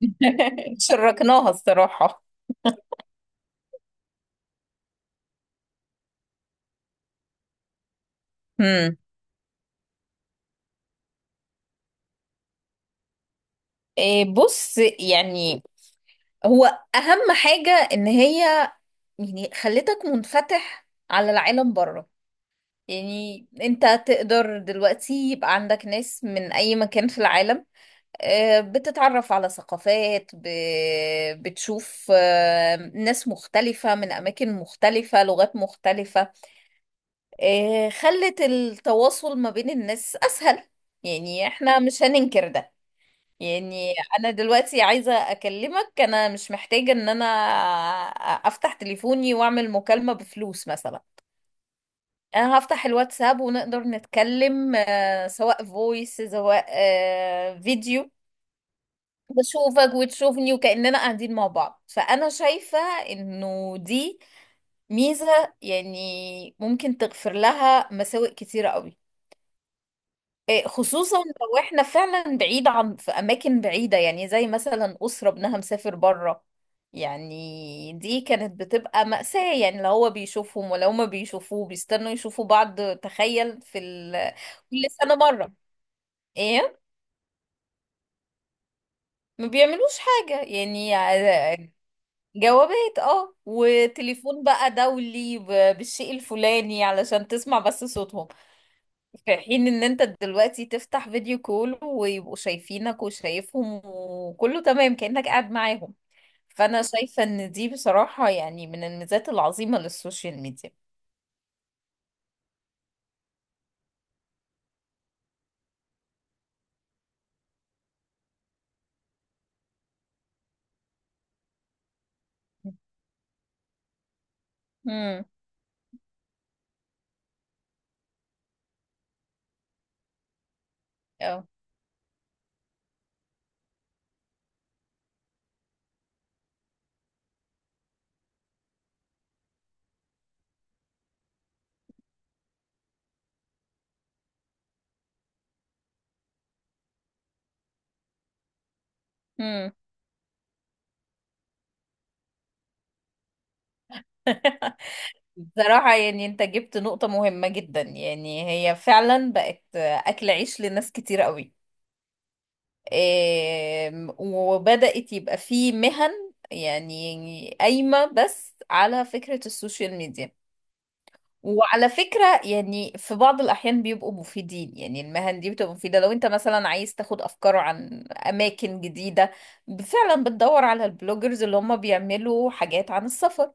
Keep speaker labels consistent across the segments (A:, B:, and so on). A: شركناها الصراحة. امم. إيه، بص يعني. هو أهم حاجة إن هي يعني خلتك منفتح على العالم بره. يعني أنت تقدر دلوقتي يبقى عندك ناس من أي مكان في العالم. بتتعرف على ثقافات، بتشوف، ناس مختلفة من أماكن مختلفة، لغات مختلفة. خلت التواصل ما بين الناس أسهل. يعني احنا مش هننكر ده. يعني انا دلوقتي عايزة اكلمك، انا مش محتاجة ان انا افتح تليفوني واعمل مكالمة بفلوس مثلا. انا هفتح الواتساب ونقدر نتكلم، سواء فويس سواء فيديو. بشوفك وتشوفني وكأننا قاعدين مع بعض. فانا شايفة انه دي ميزة يعني ممكن تغفر لها مساوئ كتيرة قوي. إيه، خصوصا لو احنا فعلا بعيد عن، في اماكن بعيده، يعني زي مثلا اسره ابنها مسافر بره. يعني دي كانت بتبقى مأساة، يعني لو هو بيشوفهم ولو ما بيشوفوه بيستنوا يشوفوا بعض. تخيل كل سنه مره. ايه، ما بيعملوش حاجه يعني جوابات، اه، وتليفون بقى دولي، بالشيء الفلاني علشان تسمع بس صوتهم. في حين ان انت دلوقتي تفتح فيديو كول ويبقوا شايفينك وشايفهم وكله تمام كأنك قاعد معاهم. فانا شايفة ان دي بصراحة يعني من الميزات العظيمة للسوشيال ميديا. امم. اه. امم. بصراحة يعني انت جبت نقطة مهمة جدا. يعني هي فعلا بقت اكل عيش لناس كتير قوي. إيه، وبدأت يبقى في مهن، يعني قايمة بس على فكرة السوشيال ميديا. وعلى فكرة يعني في بعض الأحيان بيبقوا مفيدين. يعني المهن دي بتبقى مفيدة لو أنت مثلا عايز تاخد أفكار عن أماكن جديدة، فعلا بتدور على البلوجرز اللي هم بيعملوا حاجات عن السفر.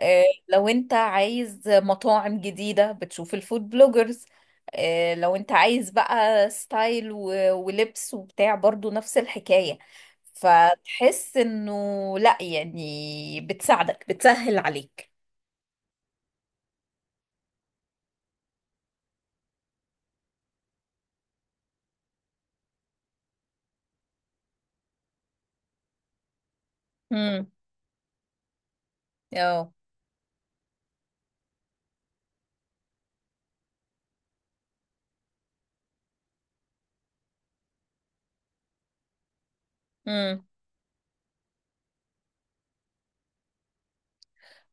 A: لو أنت عايز مطاعم جديدة، بتشوف الفود بلوجرز. لو أنت عايز بقى ستايل ولبس وبتاع، برضو نفس الحكاية. فتحس إنه لأ، يعني بتساعدك، بتسهل عليك. امم. اه.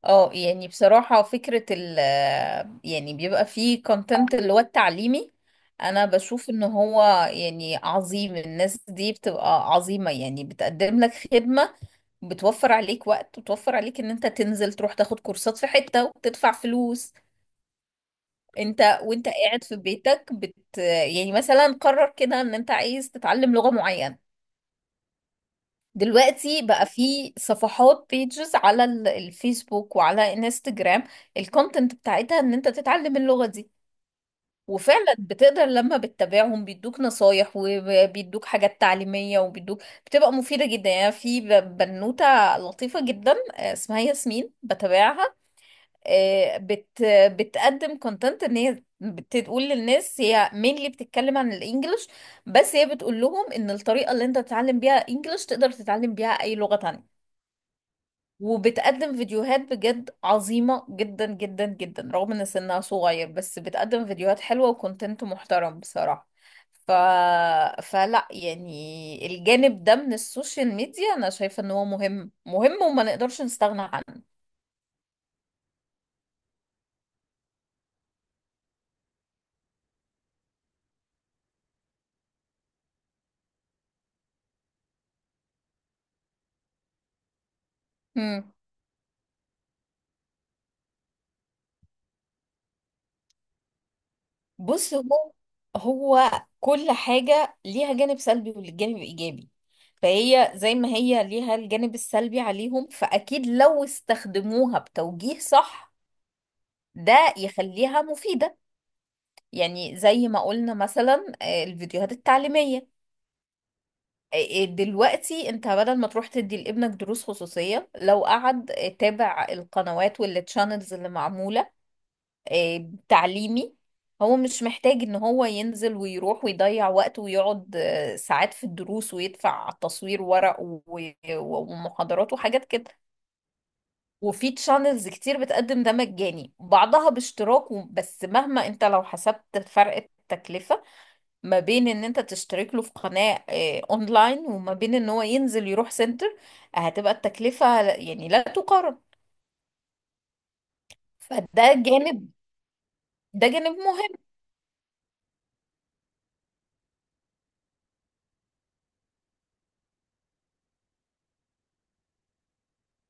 A: اه، يعني بصراحة، فكرة ال، يعني بيبقى فيه كونتنت اللي هو التعليمي. انا بشوف ان هو يعني عظيم. الناس دي بتبقى عظيمة، يعني بتقدم لك خدمة، بتوفر عليك وقت وتوفر عليك ان انت تنزل تروح تاخد كورسات في حتة وتدفع فلوس. انت وانت قاعد في بيتك، بت، يعني مثلا قرر كده ان انت عايز تتعلم لغة معينة. دلوقتي بقى في صفحات بيجز على الفيسبوك وعلى انستجرام، الكونتنت بتاعتها ان انت تتعلم اللغة دي. وفعلا بتقدر لما بتتابعهم بيدوك نصايح وبيدوك حاجات تعليمية وبيدوك، بتبقى مفيدة جدا. يعني في بنوتة لطيفة جدا، اسمها ياسمين، بتابعها. آه، بت بتقدم كونتنت ان هي بتقول للناس، هي مينلي بتتكلم عن الانجليش، بس هي بتقول لهم ان الطريقة اللي انت تتعلم بيها انجليش تقدر تتعلم بيها اي لغة تانية. وبتقدم فيديوهات بجد عظيمة جدا جدا جدا، رغم ان سنها صغير بس بتقدم فيديوهات حلوة وكونتنت محترم بصراحة. ف... فلا يعني الجانب ده من السوشيال ميديا انا شايفة ان هو مهم مهم، وما نقدرش نستغنى عنه. مم. بص، هو كل حاجة ليها جانب سلبي والجانب ايجابي. فهي زي ما هي ليها الجانب السلبي عليهم، فأكيد لو استخدموها بتوجيه صح ده يخليها مفيدة. يعني زي ما قلنا مثلا، الفيديوهات التعليمية. آه، دلوقتي انت بدل ما تروح تدي لابنك دروس خصوصية، لو قعد، تابع القنوات والتشانلز اللي معمولة تعليمي. هو مش محتاج ان هو ينزل ويروح ويضيع وقت ويقعد ساعات في الدروس ويدفع تصوير ورق ومحاضرات وحاجات كده. وفي تشانلز كتير بتقدم ده مجاني، بعضها باشتراك، بس مهما انت لو حسبت فرق التكلفة ما بين ان انت تشترك له في قناة اونلاين وما بين ان هو ينزل يروح سنتر، هتبقى التكلفة يعني لا تقارن. فده جانب. ده جانب مهم.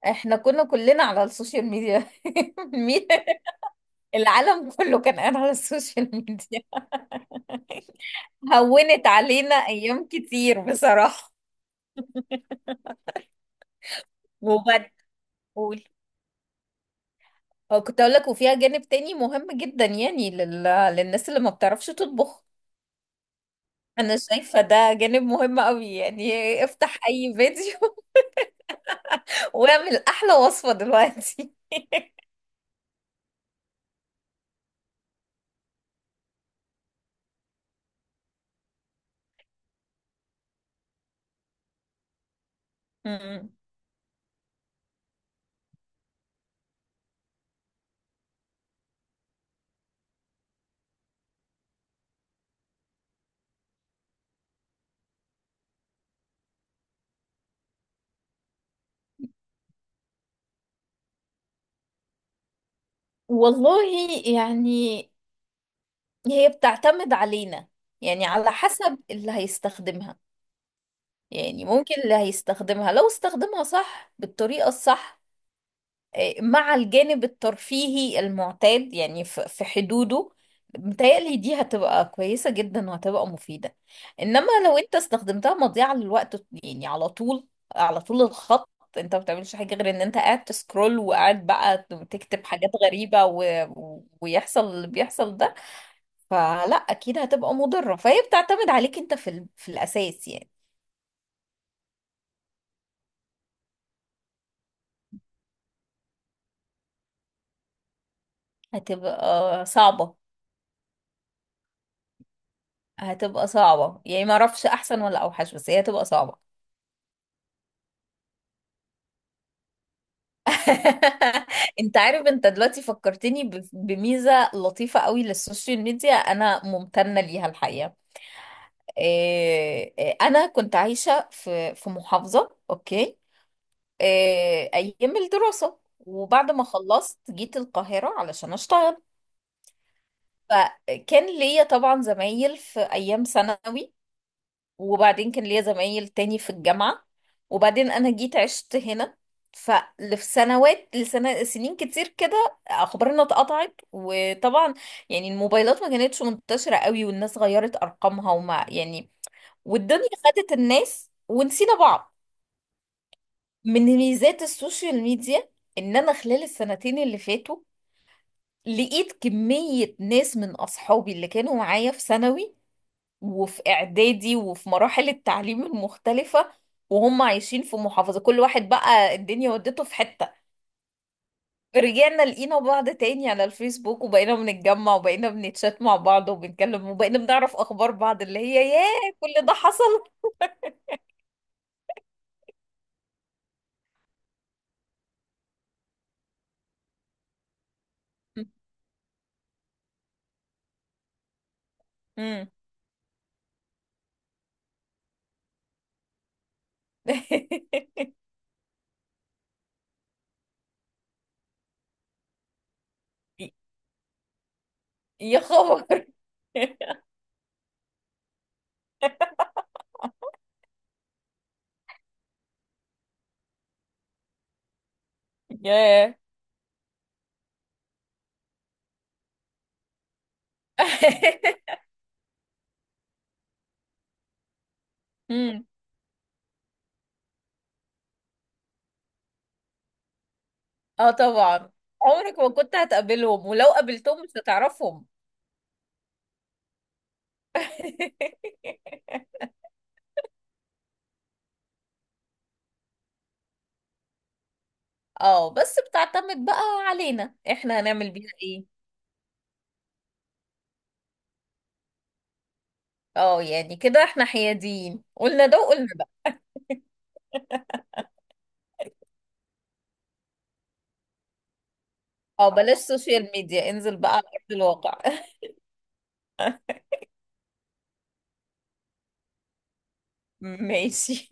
A: احنا كنا كلنا على السوشيال ميديا. مين-. العالم كله كان قاعد على السوشيال ميديا. هونت علينا ايام كتير بصراحة. وبعد. قول. كنت اقول لك، وفيها جانب تاني مهم جدا يعني للناس اللي ما بتعرفش تطبخ. انا شايفة ده جانب مهم قوي. يعني افتح اي فيديو واعمل احلى وصفة دلوقتي. مم. والله، يعني هي بتعتمد علينا، يعني على حسب اللي هيستخدمها. يعني ممكن اللي هيستخدمها لو استخدمها صح بالطريقة الصح، مع الجانب الترفيهي المعتاد يعني في حدوده، متهيألي دي هتبقى كويسة جدا وهتبقى مفيدة. إنما لو أنت استخدمتها مضيعة للوقت، يعني على طول، على طول الخط، أنت ما بتعملش حاجة غير إن أنت قاعد تسكرول، وقاعد بقى تكتب حاجات غريبة و... ويحصل اللي بيحصل ده. فلا، أكيد هتبقى مضرة، فهي بتعتمد عليك أنت في ال... في الأساس يعني. هتبقى صعبة. هتبقى صعبة، يعني ما أعرفش أحسن ولا أوحش، بس هي هتبقى صعبة. انت عارف، انت دلوقتي فكرتني بميزة لطيفة قوي للسوشيال ميديا، انا ممتنة ليها الحقيقة. إيه، إيه، انا كنت عايشة في محافظة، اوكي. إيه، ايام الدراسة، وبعد ما خلصت جيت القاهرة علشان اشتغل. فكان ليا طبعا زمايل في ايام ثانوي، وبعدين كان ليا زمايل تاني في الجامعة، وبعدين أنا جيت عشت هنا. ففي سنوات، لسنة سنين كتير كده أخبارنا اتقطعت، وطبعا يعني الموبايلات ما كانتش منتشرة قوي والناس غيرت أرقامها، وما يعني، والدنيا خدت الناس ونسينا بعض. من ميزات السوشيال ميديا إن أنا خلال السنتين اللي فاتوا لقيت كمية ناس من أصحابي اللي كانوا معايا في ثانوي وفي اعدادي وفي مراحل التعليم المختلفة، وهم عايشين في محافظة، كل واحد بقى الدنيا ودته في حتة. رجعنا لقينا بعض تاني على الفيسبوك، وبقينا بنتجمع وبقينا بنتشات مع بعض وبنتكلم وبقينا بنعرف اخبار بعض. اللي هي ياه، كل ده حصل. مم. يا خبر. ياه. مم. اه طبعا. عمرك ما كنت هتقابلهم، ولو قابلتهم مش هتعرفهم. اه، بس بتعتمد بقى علينا، احنا هنعمل بيها ايه. اه، يعني كده احنا حياديين، قلنا ده وقلنا ده. اه، بلاش سوشيال ميديا، انزل بقى على ارض الواقع. ماشي.